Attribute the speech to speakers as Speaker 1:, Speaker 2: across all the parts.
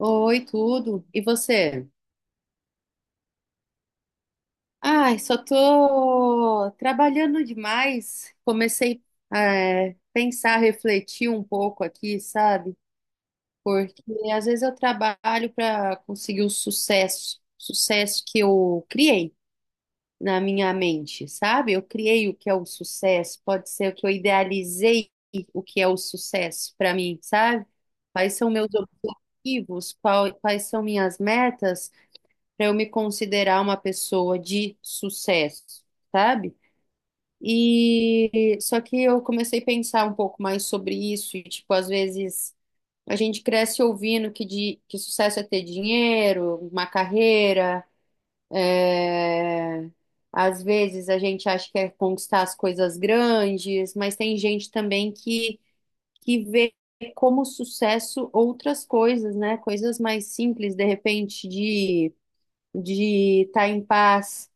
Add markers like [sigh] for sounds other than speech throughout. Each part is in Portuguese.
Speaker 1: Oi, tudo. E você? Ai, só tô trabalhando demais. Comecei a pensar, refletir um pouco aqui, sabe? Porque às vezes eu trabalho para conseguir o sucesso, sucesso que eu criei na minha mente, sabe? Eu criei o que é o sucesso, pode ser que eu idealizei o que é o sucesso para mim, sabe? Quais são meus objetivos, quais são minhas metas para eu me considerar uma pessoa de sucesso, sabe? E só que eu comecei a pensar um pouco mais sobre isso, e tipo, às vezes a gente cresce ouvindo que sucesso é ter dinheiro, uma carreira, é, às vezes a gente acha que é conquistar as coisas grandes, mas tem gente também que vê como sucesso outras coisas, né? Coisas mais simples, de repente, de estar em paz,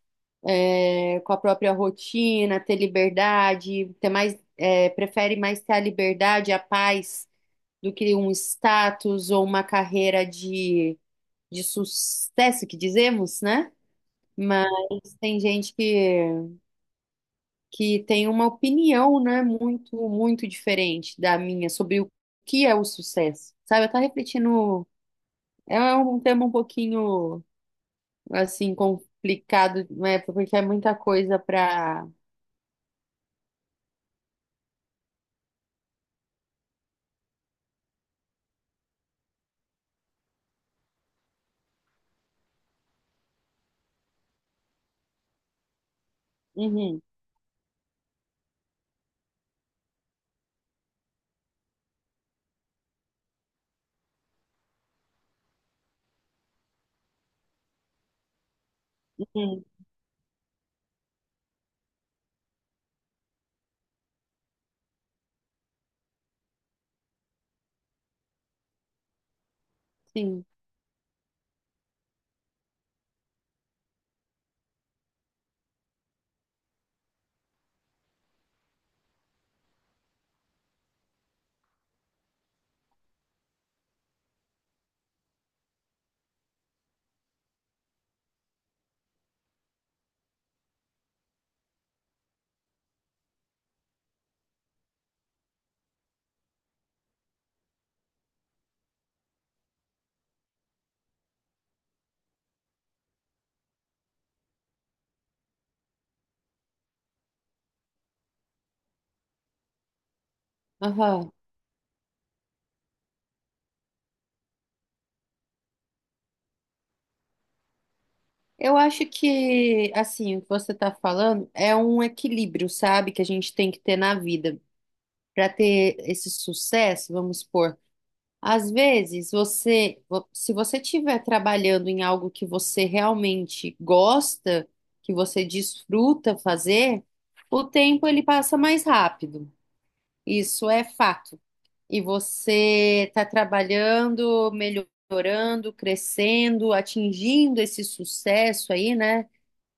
Speaker 1: é, com a própria rotina, ter liberdade, ter mais, é, prefere mais ter a liberdade, a paz, do que um status ou uma carreira de sucesso, que dizemos, né? Mas tem gente que tem uma opinião, né, muito, muito diferente da minha sobre o que é o sucesso. Sabe, eu tava refletindo, é um tema um pouquinho, assim, complicado, né, porque é muita coisa pra... Uhum, uhum, sim. Aham. Eu acho que, assim, o que você está falando é um equilíbrio, sabe, que a gente tem que ter na vida para ter esse sucesso, vamos supor. Às vezes, se você estiver trabalhando em algo que você realmente gosta, que você desfruta fazer, o tempo ele passa mais rápido. Isso é fato. E você está trabalhando, melhorando, crescendo, atingindo esse sucesso aí, né?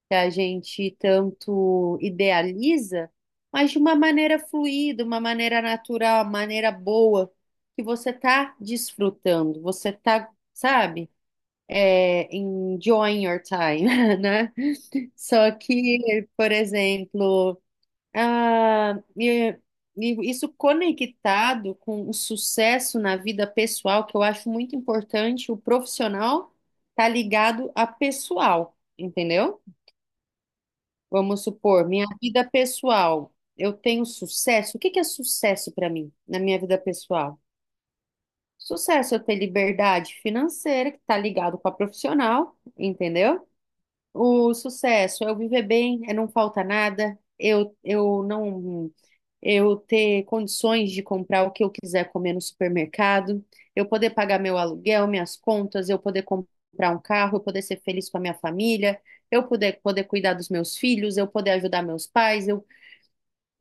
Speaker 1: Que a gente tanto idealiza, mas de uma maneira fluida, uma maneira natural, uma maneira boa, que você tá desfrutando, você tá, sabe, é, enjoying your time, [laughs] né? Só que, por exemplo, ah, e- e isso conectado com o sucesso na vida pessoal, que eu acho muito importante, o profissional tá ligado a pessoal, entendeu? Vamos supor, minha vida pessoal, eu tenho sucesso? O que que é sucesso para mim na minha vida pessoal? Sucesso é eu ter liberdade financeira, que está ligado com a profissional, entendeu? O sucesso é eu viver bem, é não faltar nada, eu não eu ter condições de comprar o que eu quiser comer no supermercado, eu poder pagar meu aluguel, minhas contas, eu poder comprar um carro, eu poder ser feliz com a minha família, eu poder cuidar dos meus filhos, eu poder ajudar meus pais, eu,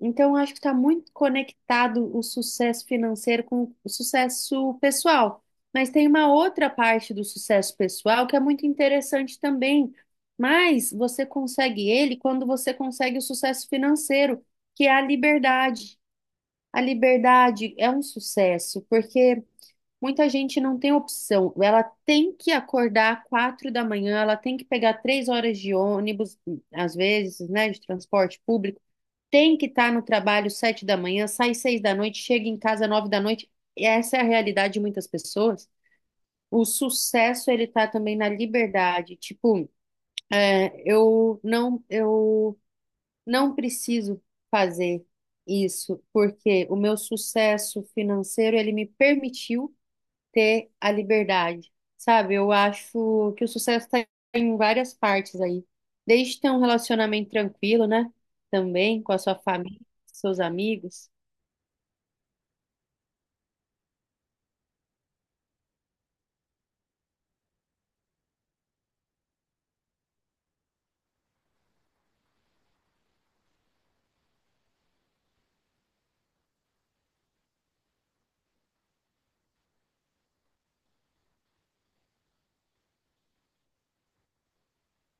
Speaker 1: então, eu acho que está muito conectado o sucesso financeiro com o sucesso pessoal. Mas tem uma outra parte do sucesso pessoal que é muito interessante também. Mas você consegue ele quando você consegue o sucesso financeiro, que é a liberdade. A liberdade é um sucesso, porque muita gente não tem opção. Ela tem que acordar 4 da manhã, ela tem que pegar 3 horas de ônibus, às vezes, né, de transporte público, tem que estar no trabalho 7 da manhã, sai 6 da noite, chega em casa 9 da noite. E essa é a realidade de muitas pessoas. O sucesso ele tá também na liberdade. Tipo, é, eu não preciso fazer isso porque o meu sucesso financeiro ele me permitiu ter a liberdade, sabe? Eu acho que o sucesso está em várias partes aí. Desde ter um relacionamento tranquilo, né? Também com a sua família, seus amigos.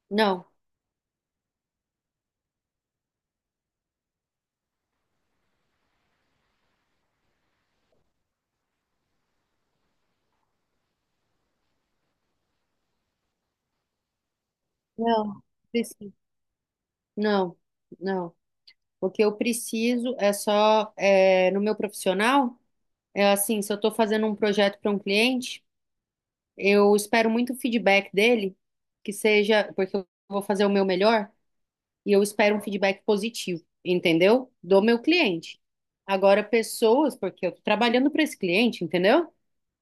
Speaker 1: Não, não, preciso. Não, não. O que eu preciso é só, é, no meu profissional, é assim, se eu estou fazendo um projeto para um cliente, eu espero muito o feedback dele, que seja, porque eu vou fazer o meu melhor. E eu espero um feedback positivo, entendeu? Do meu cliente. Agora, pessoas, porque eu tô trabalhando para esse cliente, entendeu?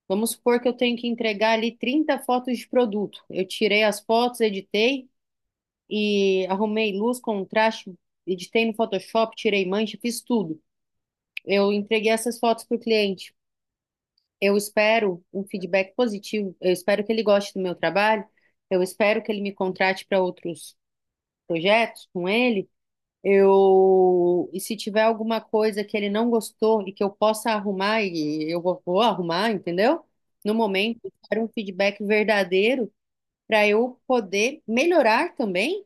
Speaker 1: Vamos supor que eu tenho que entregar ali 30 fotos de produto. Eu tirei as fotos, editei e arrumei luz, contraste, editei no Photoshop, tirei mancha, fiz tudo. Eu entreguei essas fotos para o cliente. Eu espero um feedback positivo. Eu espero que ele goste do meu trabalho. Eu espero que ele me contrate para outros projetos com ele. Eu, e se tiver alguma coisa que ele não gostou e que eu possa arrumar, e eu vou arrumar, entendeu? No momento, eu quero um feedback verdadeiro para eu poder melhorar também.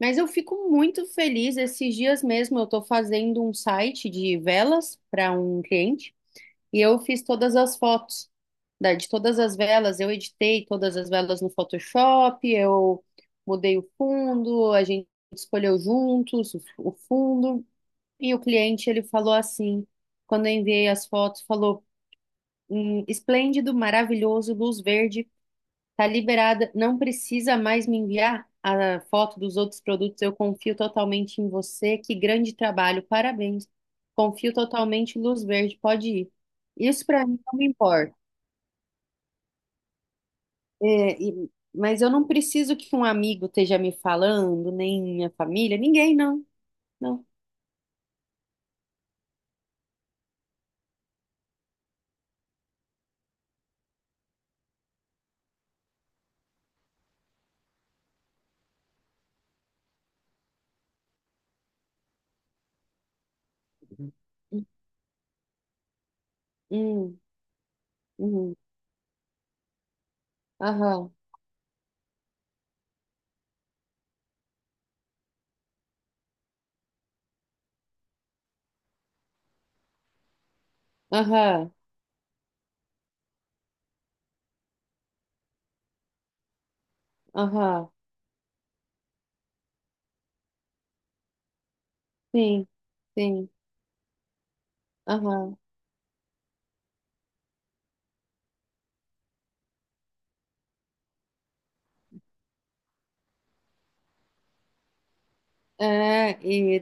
Speaker 1: Mas eu fico muito feliz. Esses dias mesmo eu estou fazendo um site de velas para um cliente e eu fiz todas as fotos de todas as velas. Eu editei todas as velas no Photoshop, eu mudei o fundo, a gente escolheu juntos o fundo. E o cliente, ele falou assim, quando eu enviei as fotos, falou, esplêndido, maravilhoso, luz verde, tá liberada, não precisa mais me enviar a foto dos outros produtos, eu confio totalmente em você, que grande trabalho, parabéns, confio totalmente, luz verde, pode ir." Isso para mim não me importa, é, mas eu não preciso que um amigo esteja me falando, nem minha família, ninguém, não, não. Hum, hum, hum, aham, aham, aham. Sim, sim. Aham. É, e-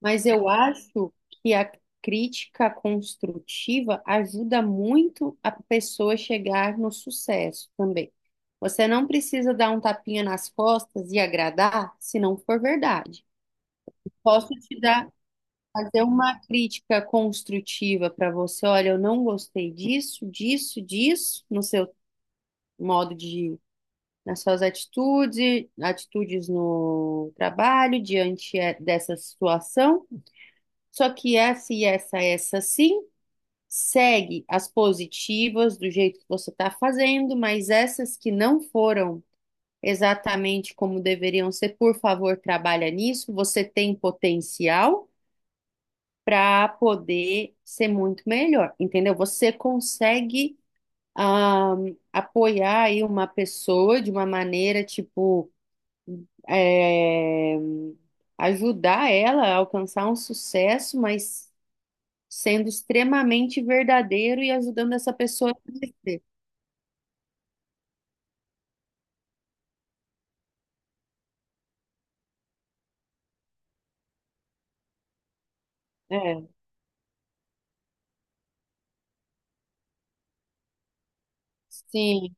Speaker 1: mas eu acho que a crítica construtiva ajuda muito a pessoa a chegar no sucesso também. Você não precisa dar um tapinha nas costas e agradar se não for verdade. Posso te dar, fazer uma crítica construtiva para você. Olha, eu não gostei disso, disso, disso no seu modo de, nas suas atitudes, atitudes no trabalho diante, é, dessa situação. Só que essa e essa, essa sim, segue as positivas do jeito que você está fazendo, mas essas que não foram exatamente como deveriam ser, por favor, trabalha nisso. Você tem potencial para poder ser muito melhor, entendeu? Você consegue, ah, apoiar aí uma pessoa de uma maneira tipo, é, ajudar ela a alcançar um sucesso, mas sendo extremamente verdadeiro e ajudando essa pessoa a crescer. É, sim.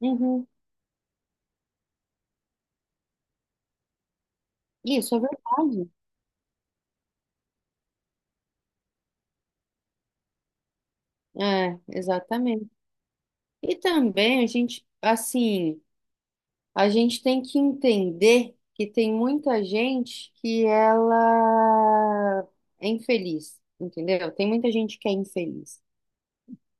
Speaker 1: Uhum. Isso é verdade. É, exatamente. E também a gente, assim, a gente tem que entender que tem muita gente que ela é infeliz, entendeu? Tem muita gente que é infeliz,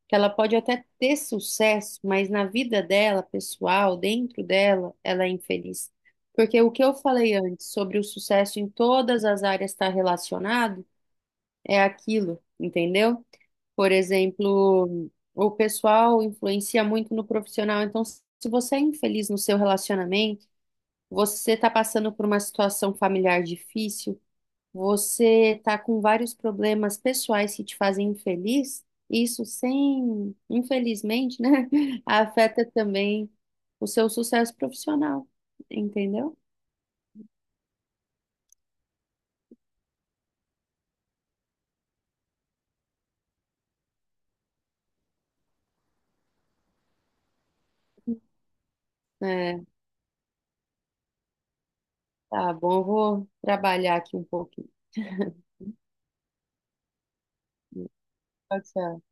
Speaker 1: que ela pode até ter sucesso, mas na vida dela, pessoal, dentro dela, ela é infeliz. Porque o que eu falei antes sobre o sucesso em todas as áreas estar relacionado é aquilo, entendeu? Por exemplo, o pessoal influencia muito no profissional. Então, se você é infeliz no seu relacionamento, você está passando por uma situação familiar difícil. Você está com vários problemas pessoais que te fazem infeliz, isso sem, infelizmente, né, [laughs] afeta também o seu sucesso profissional, entendeu? É, tá bom, eu vou trabalhar aqui um pouquinho. Pode ser.